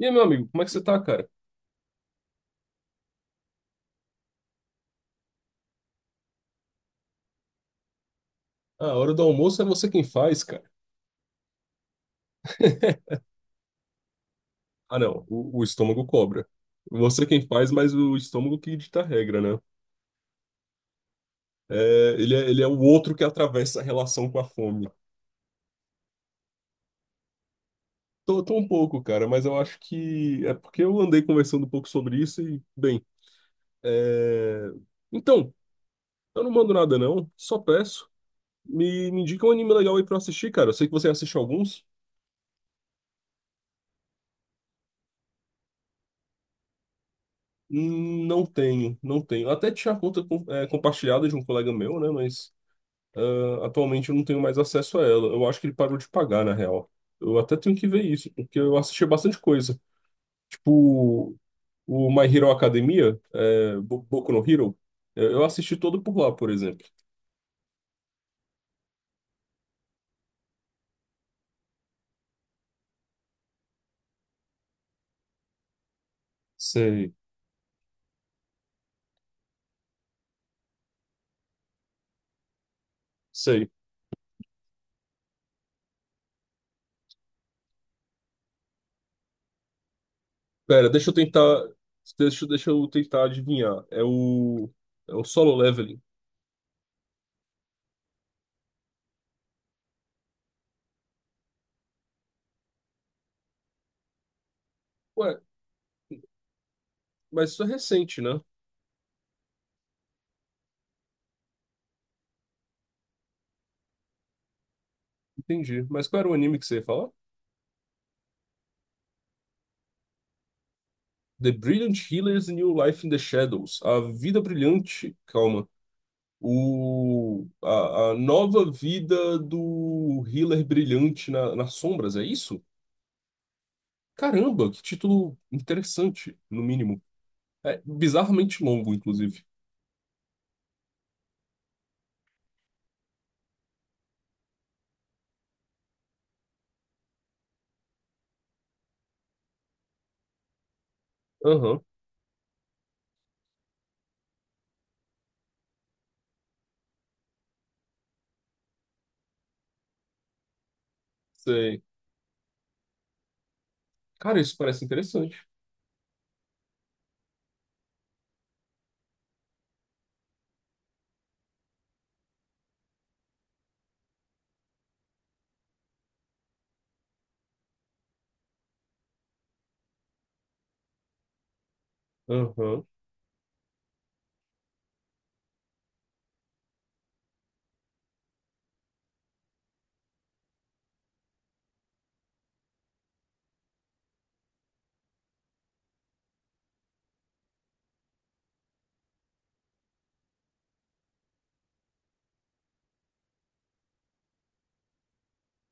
E aí, meu amigo, como é que você tá, cara? Ah, a hora do almoço é você quem faz, cara. Ah, não, o estômago cobra. Você quem faz, mas o estômago que dita a regra, né? É, ele é, ele é o outro que atravessa a relação com a fome. Tô um pouco, cara, mas eu acho que é porque eu andei conversando um pouco sobre isso e, bem, é... Então, eu não mando nada, não, só peço. Me indica um anime legal aí pra eu assistir, cara. Eu sei que você assiste alguns. Não tenho, não tenho. Até tinha a conta compartilhada de um colega meu, né, mas... Ah, atualmente eu não tenho mais acesso a ela. Eu acho que ele parou de pagar, na real. Eu até tenho que ver isso, porque eu assisti bastante coisa. Tipo, o My Hero Academia, Boku no Hero, eu assisti todo por lá, por exemplo. Sei, sei. Pera, deixa eu tentar. Deixa eu tentar adivinhar. É o Solo Leveling. Ué, mas isso é recente, né? Entendi. Mas qual era o anime que você ia falar? The Brilliant Healer's New Life in the Shadows. A vida brilhante. Calma. A nova vida do Healer Brilhante nas sombras, é isso? Caramba, que título interessante, no mínimo. É bizarramente longo, inclusive. Aham, sei. Cara, isso parece interessante. Aham.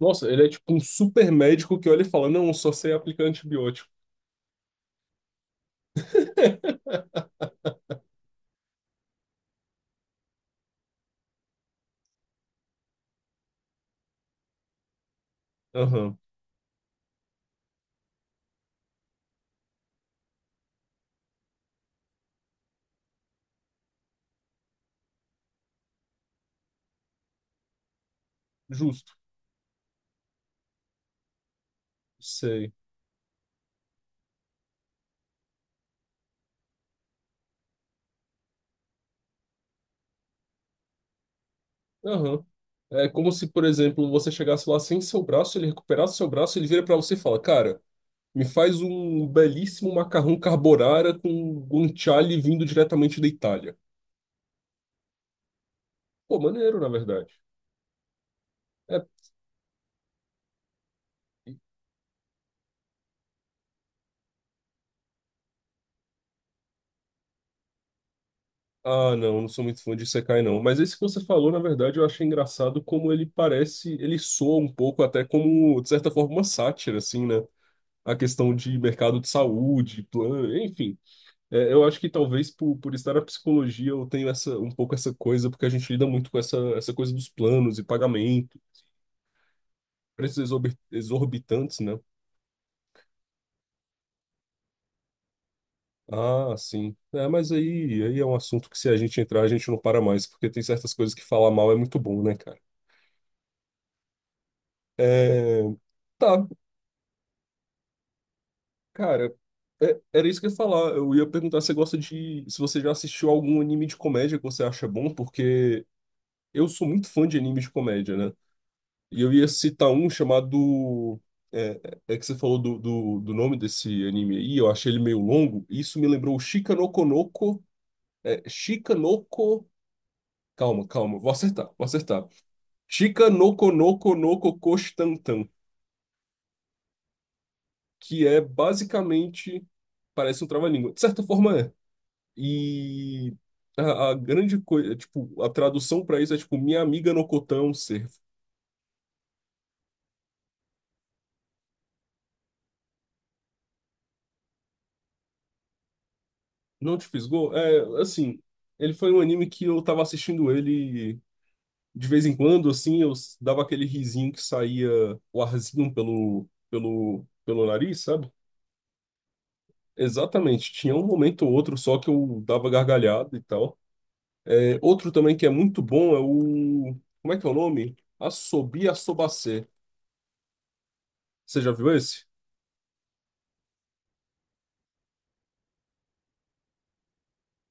Nossa, ele é tipo um super médico que olha e fala: Não, eu só sei aplicar antibiótico. Aham, justo, sei. Aham. É como se, por exemplo, você chegasse lá sem seu braço, ele recuperasse seu braço, ele vira pra você e fala: Cara, me faz um belíssimo macarrão carbonara com guanciale vindo diretamente da Itália. Pô, maneiro, na verdade. É... Ah, não, não sou muito fã de Isekai, não. Mas esse que você falou, na verdade, eu achei engraçado como ele parece, ele soa um pouco até como, de certa forma, uma sátira, assim, né? A questão de mercado de saúde, plano, enfim. É, eu acho que talvez por estar na psicologia eu tenho essa, um pouco essa coisa, porque a gente lida muito com essa coisa dos planos e pagamento, preços exorbitantes, né? Ah, sim. É, mas aí é um assunto que se a gente entrar, a gente não para mais, porque tem certas coisas que falar mal é muito bom, né, cara? É... Tá, cara. Era isso que eu ia falar. Eu ia perguntar se você gosta de. Se você já assistiu algum anime de comédia que você acha bom, porque eu sou muito fã de anime de comédia, né? E eu ia citar um chamado. É, é que você falou do nome desse anime aí, eu achei ele meio longo, e isso me lembrou o Shika no Konoko. Shika no Ko- Calma, calma, vou acertar, vou acertar. Chica no Konoko no Kokostantan, que é basicamente, parece um trava-língua. De certa forma é. E a grande coisa, tipo, a tradução pra isso é tipo, Minha Amiga no Cotão, servo. Não te fisgou? É, assim, ele foi um anime que eu tava assistindo ele de vez em quando, assim, dava aquele risinho que saía o arzinho pelo nariz, sabe? Exatamente, tinha um momento ou outro só que eu dava gargalhada e tal. É, outro também que é muito bom é o. Como é que é o nome? Assobi Assobacê. Você já viu esse?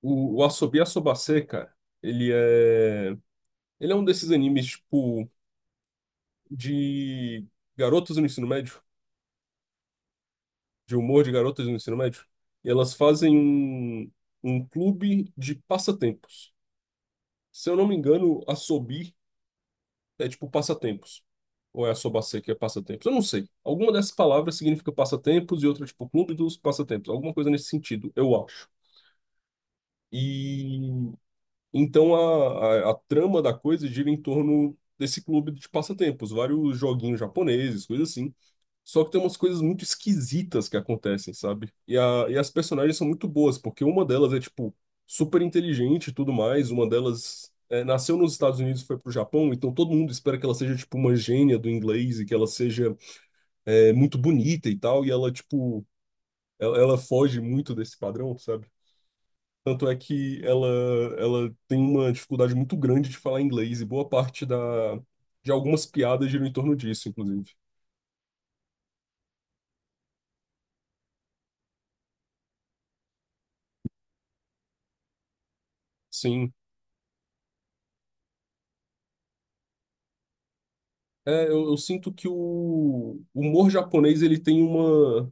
O Assobi Assobacê, cara, ele é. Ele é um desses animes, tipo, de garotas no ensino médio, de humor de garotas no ensino médio. E elas fazem um clube de passatempos. Se eu não me engano, Assobi é tipo passatempos. Ou é a sobacê que é passatempos? Eu não sei. Alguma dessas palavras significa passatempos e outra, tipo, clube dos passatempos. Alguma coisa nesse sentido, eu acho. E então a trama da coisa gira em torno desse clube de passatempos, vários joguinhos japoneses, coisas assim. Só que tem umas coisas muito esquisitas que acontecem, sabe? E as personagens são muito boas, porque uma delas é, tipo, super inteligente e tudo mais. Uma delas é, nasceu nos Estados Unidos e foi pro Japão, então todo mundo espera que ela seja, tipo, uma gênia do inglês e que ela seja muito bonita e tal. E ela, tipo, ela foge muito desse padrão, sabe? Tanto é que ela tem uma dificuldade muito grande de falar inglês e boa parte de algumas piadas giram em torno disso, inclusive. Sim. É, eu sinto que o humor japonês ele tem uma,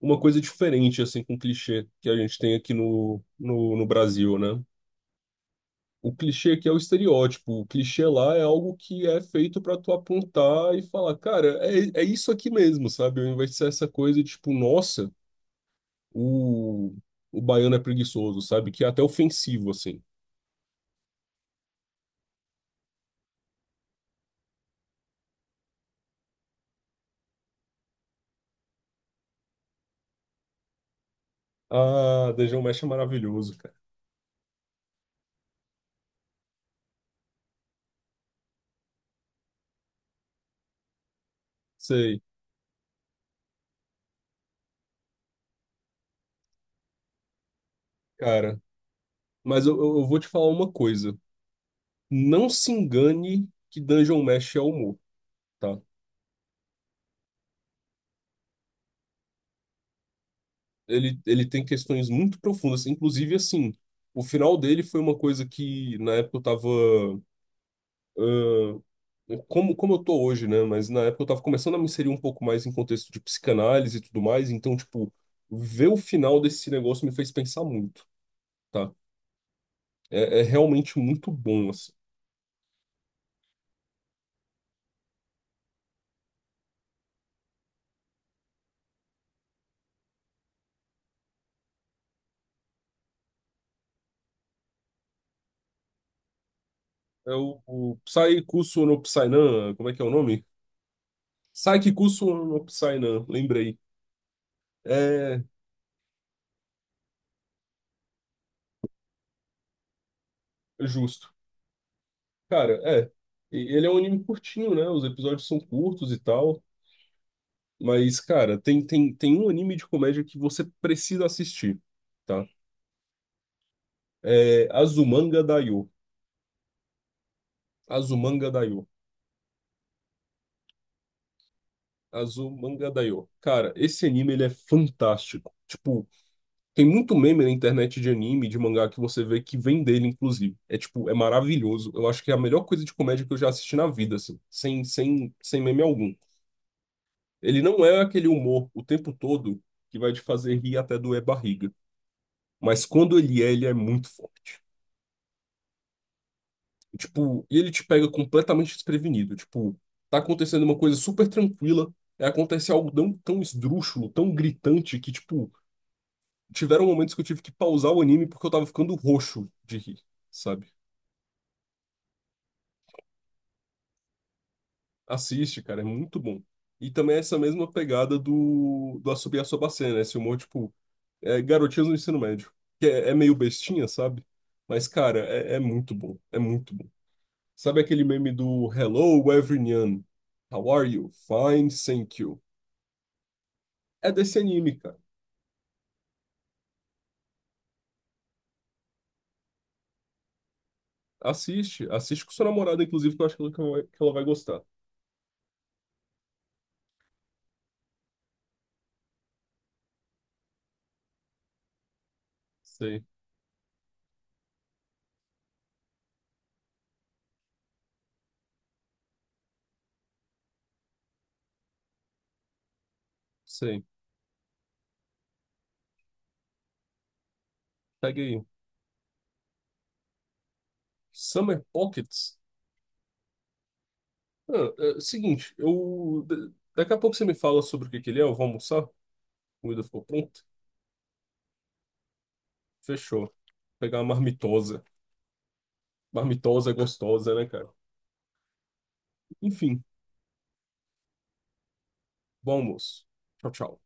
uma coisa diferente assim com o clichê que a gente tem aqui no Brasil, né? O clichê aqui é o estereótipo, o clichê lá é algo que é feito para tu apontar e falar, cara, é isso aqui mesmo, sabe? Ao invés de ser essa coisa tipo, nossa, o, o baiano é preguiçoso, sabe? Que é até ofensivo, assim. Ah, Dungeon Mesh é maravilhoso, cara. Sei, cara. Mas eu vou te falar uma coisa. Não se engane que Dungeon Mesh é humor, tá? Ele tem questões muito profundas. Inclusive, assim, o final dele foi uma coisa que na época eu tava. Ah, como eu tô hoje, né? Mas na época eu tava começando a me inserir um pouco mais em contexto de psicanálise e tudo mais. Então, tipo, ver o final desse negócio me fez pensar muito, tá? É, é realmente muito bom, assim. É o Psycusu no Psynan, como é que é o nome? Psycusu no Psynan, lembrei. É justo. Cara, é. E ele é um anime curtinho, né? Os episódios são curtos e tal. Mas, cara, tem um anime de comédia que você precisa assistir, tá? É Azumanga Daioh. Azumanga Daioh. Azumanga Daioh. Cara, esse anime, ele é fantástico. Tipo, tem muito meme na internet de anime, de mangá, que você vê que vem dele, inclusive. É, tipo, é maravilhoso. Eu acho que é a melhor coisa de comédia que eu já assisti na vida, assim. Sem meme algum. Ele não é aquele humor o tempo todo que vai te fazer rir até doer barriga. Mas quando ele é muito forte. Tipo, e ele te pega completamente desprevenido. Tipo, tá acontecendo uma coisa super tranquila, aí acontece algo tão, tão esdrúxulo, tão gritante, que, tipo, tiveram momentos que eu tive que pausar o anime porque eu tava ficando roxo de rir, sabe? Assiste, cara, é muito bom. E também é essa mesma pegada do Asobi Asobase, né? Esse humor, tipo, garotinhas no ensino médio. Que é meio bestinha, sabe? Mas, cara, é muito bom. É muito bom. Sabe aquele meme do Hello, everyone? How are you? Fine, thank you. É desse anime, cara. Assiste. Assiste com sua namorada, inclusive, que eu acho que ela vai gostar. Sei, sei. Pega aí. Summer Pockets? Ah, seguinte, Daqui a pouco você me fala sobre o que que ele é, eu vou almoçar. A comida ficou pronta. Fechou. Pegar uma marmitosa. Marmitosa é gostosa, né, cara? Enfim. Bom almoço. Tchau, tchau.